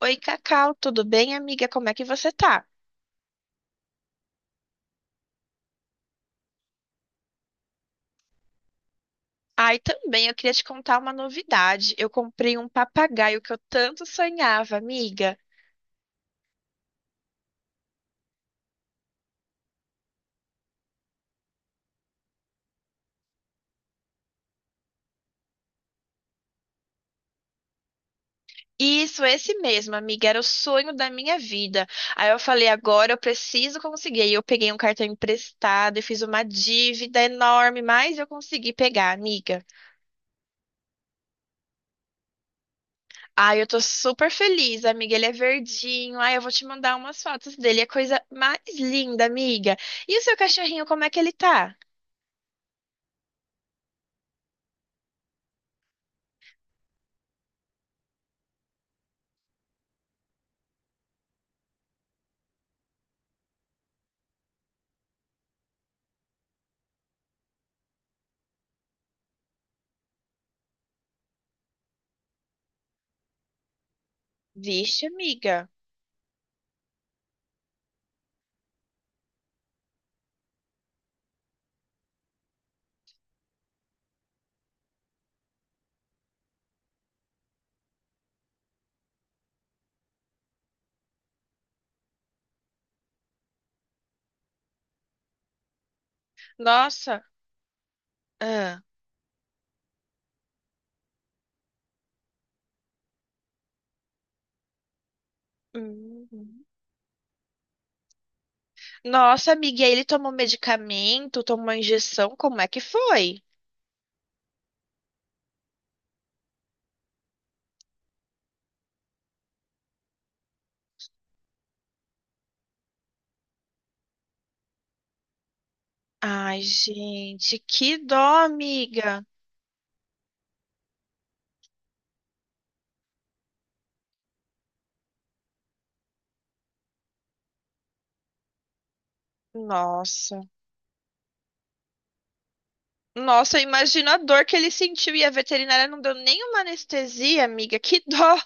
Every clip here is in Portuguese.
Oi, Cacau, tudo bem, amiga? Como é que você tá? Ai, também, eu queria te contar uma novidade. Eu comprei um papagaio que eu tanto sonhava, amiga. Isso, esse mesmo, amiga, era o sonho da minha vida. Aí eu falei, agora eu preciso conseguir. Aí eu peguei um cartão emprestado e fiz uma dívida enorme, mas eu consegui pegar, amiga. Ai, eu tô super feliz, amiga. Ele é verdinho. Ai, eu vou te mandar umas fotos dele. É a coisa mais linda, amiga. E o seu cachorrinho, como é que ele tá? Vixe, amiga. Nossa. Ah. Hum. Nossa, amiga, e aí ele tomou medicamento, tomou injeção, como é que foi? Ai, gente, que dó, amiga. Nossa. Nossa, imagina a dor que ele sentiu e a veterinária não deu nenhuma anestesia, amiga. Que dó.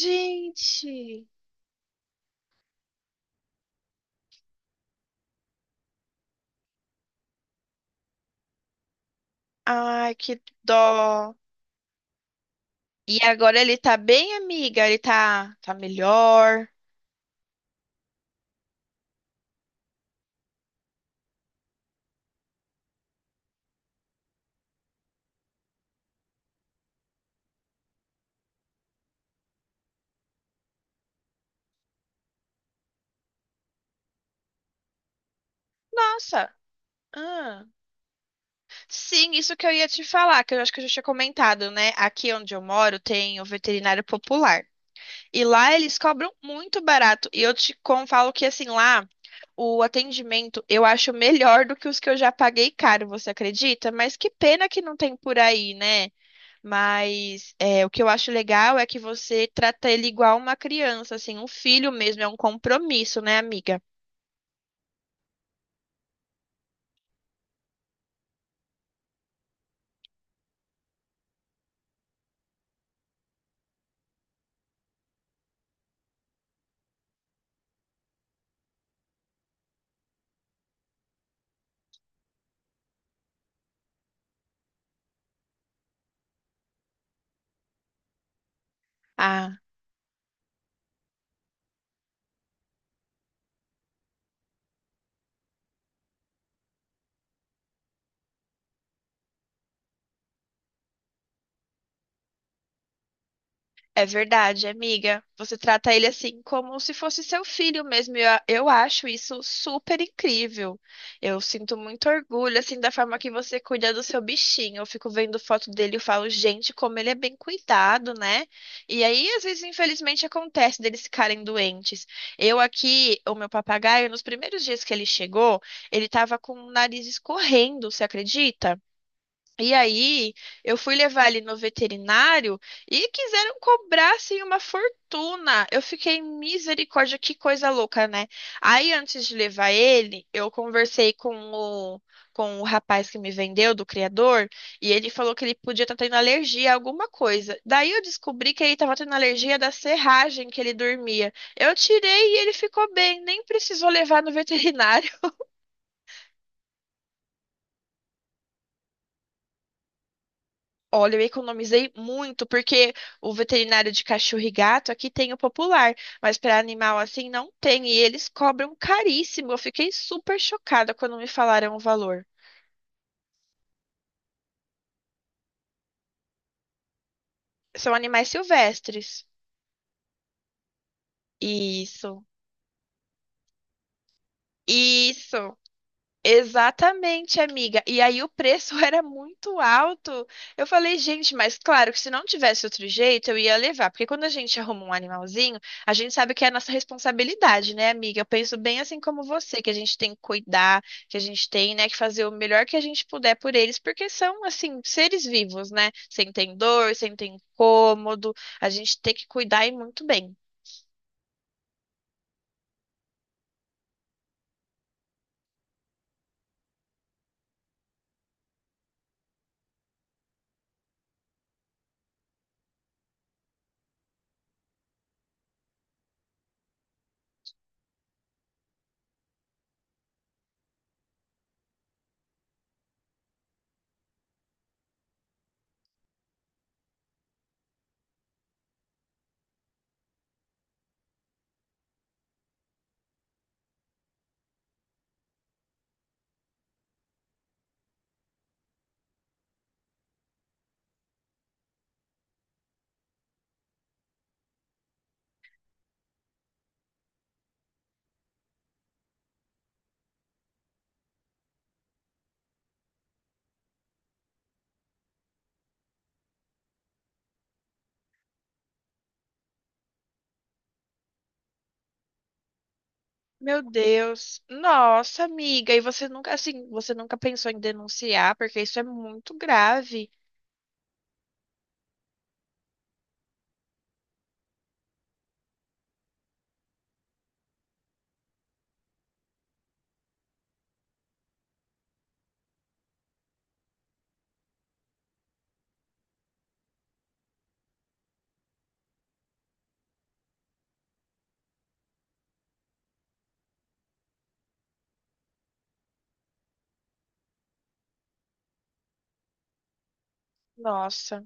Gente. Ai, que dó. E agora ele tá bem, amiga? Ele tá melhor. Nossa. Sim, isso que eu ia te falar, que eu acho que eu já tinha comentado, né? Aqui onde eu moro tem o veterinário popular. E lá eles cobram muito barato. E eu falo que assim, lá o atendimento eu acho melhor do que os que eu já paguei caro, você acredita? Mas que pena que não tem por aí, né? Mas é, o que eu acho legal é que você trata ele igual uma criança, assim, um filho mesmo, é um compromisso, né, amiga? Ah, é verdade, amiga. Você trata ele assim como se fosse seu filho mesmo. Eu acho isso super incrível. Eu sinto muito orgulho assim da forma que você cuida do seu bichinho. Eu fico vendo foto dele e falo, gente, como ele é bem cuidado, né? E aí, às vezes, infelizmente, acontece deles ficarem doentes. Eu aqui, o meu papagaio, nos primeiros dias que ele chegou, ele tava com o nariz escorrendo, você acredita? E aí, eu fui levar ele no veterinário e quiseram cobrar assim uma fortuna. Eu fiquei misericórdia, que coisa louca, né? Aí, antes de levar ele, eu conversei com o rapaz que me vendeu, do criador, e ele falou que ele podia estar tendo alergia a alguma coisa. Daí, eu descobri que ele estava tendo alergia da serragem que ele dormia. Eu tirei e ele ficou bem, nem precisou levar no veterinário. Olha, eu economizei muito, porque o veterinário de cachorro e gato aqui tem o popular, mas para animal assim não tem, e eles cobram caríssimo. Eu fiquei super chocada quando me falaram o valor. São animais silvestres. Isso, isso. Exatamente, amiga. E aí o preço era muito alto. Eu falei, gente, mas claro que se não tivesse outro jeito, eu ia levar. Porque quando a gente arruma um animalzinho, a gente sabe que é a nossa responsabilidade, né, amiga? Eu penso bem assim como você, que a gente tem que cuidar, que a gente tem, né, que fazer o melhor que a gente puder por eles, porque são, assim, seres vivos, né? Sem ter dor, sem ter incômodo. A gente tem que cuidar e muito bem. Meu Deus. Nossa, amiga, e você nunca, assim, você nunca pensou em denunciar, porque isso é muito grave. Nossa.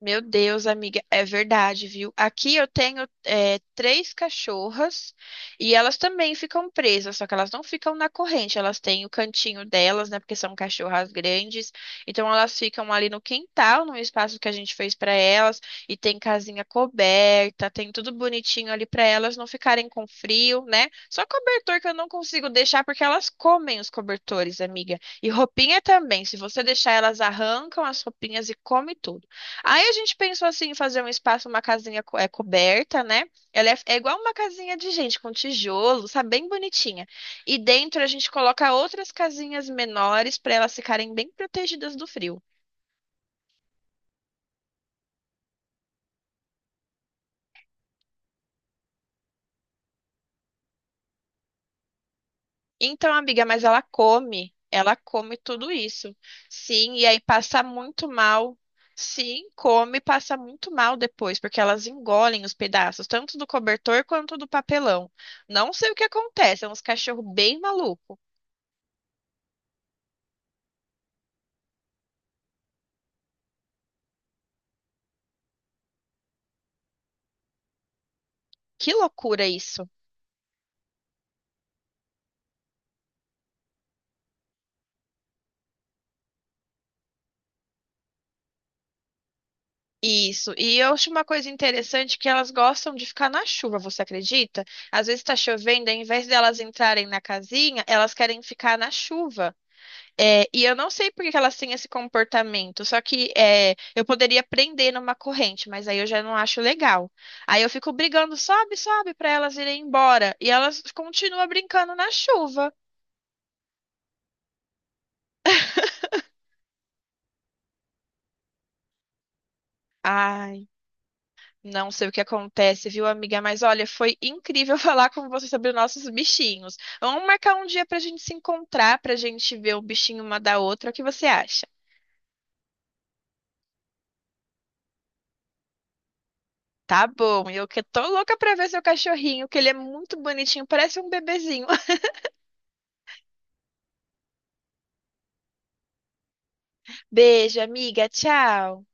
Meu Deus, amiga, é verdade, viu? Aqui eu tenho é, três cachorras e elas também ficam presas, só que elas não ficam na corrente, elas têm o cantinho delas, né? Porque são cachorras grandes, então elas ficam ali no quintal, no espaço que a gente fez para elas, e tem casinha coberta, tem tudo bonitinho ali para elas não ficarem com frio, né? Só cobertor que eu não consigo deixar porque elas comem os cobertores, amiga. E roupinha também, se você deixar elas arrancam as roupinhas e come tudo. Aí a gente pensou assim, em fazer um espaço, uma coberta, né? É igual uma casinha de gente, com tijolo, sabe? Bem bonitinha. E dentro a gente coloca outras casinhas menores para elas ficarem bem protegidas do frio. Então, amiga, mas ela come tudo isso. Sim, e aí passa muito mal. Sim, come, e passa muito mal depois, porque elas engolem os pedaços, tanto do cobertor quanto do papelão. Não sei o que acontece, é uns cachorros bem malucos. Que loucura isso. Isso, e eu acho uma coisa interessante que elas gostam de ficar na chuva, você acredita? Às vezes está chovendo, ao invés delas entrarem na casinha, elas querem ficar na chuva. É, e eu não sei por que que elas têm esse comportamento, só que eu poderia prender numa corrente, mas aí eu já não acho legal. Aí eu fico brigando, sobe, sobe, para elas irem embora, e elas continuam brincando na chuva. Ai. Não sei o que acontece, viu, amiga? Mas olha, foi incrível falar com você sobre os nossos bichinhos. Vamos marcar um dia pra gente se encontrar, pra gente ver o bichinho uma da outra. O que você acha? Tá bom, eu que tô louca pra ver seu cachorrinho, que ele é muito bonitinho, parece um bebezinho. Beijo, amiga. Tchau.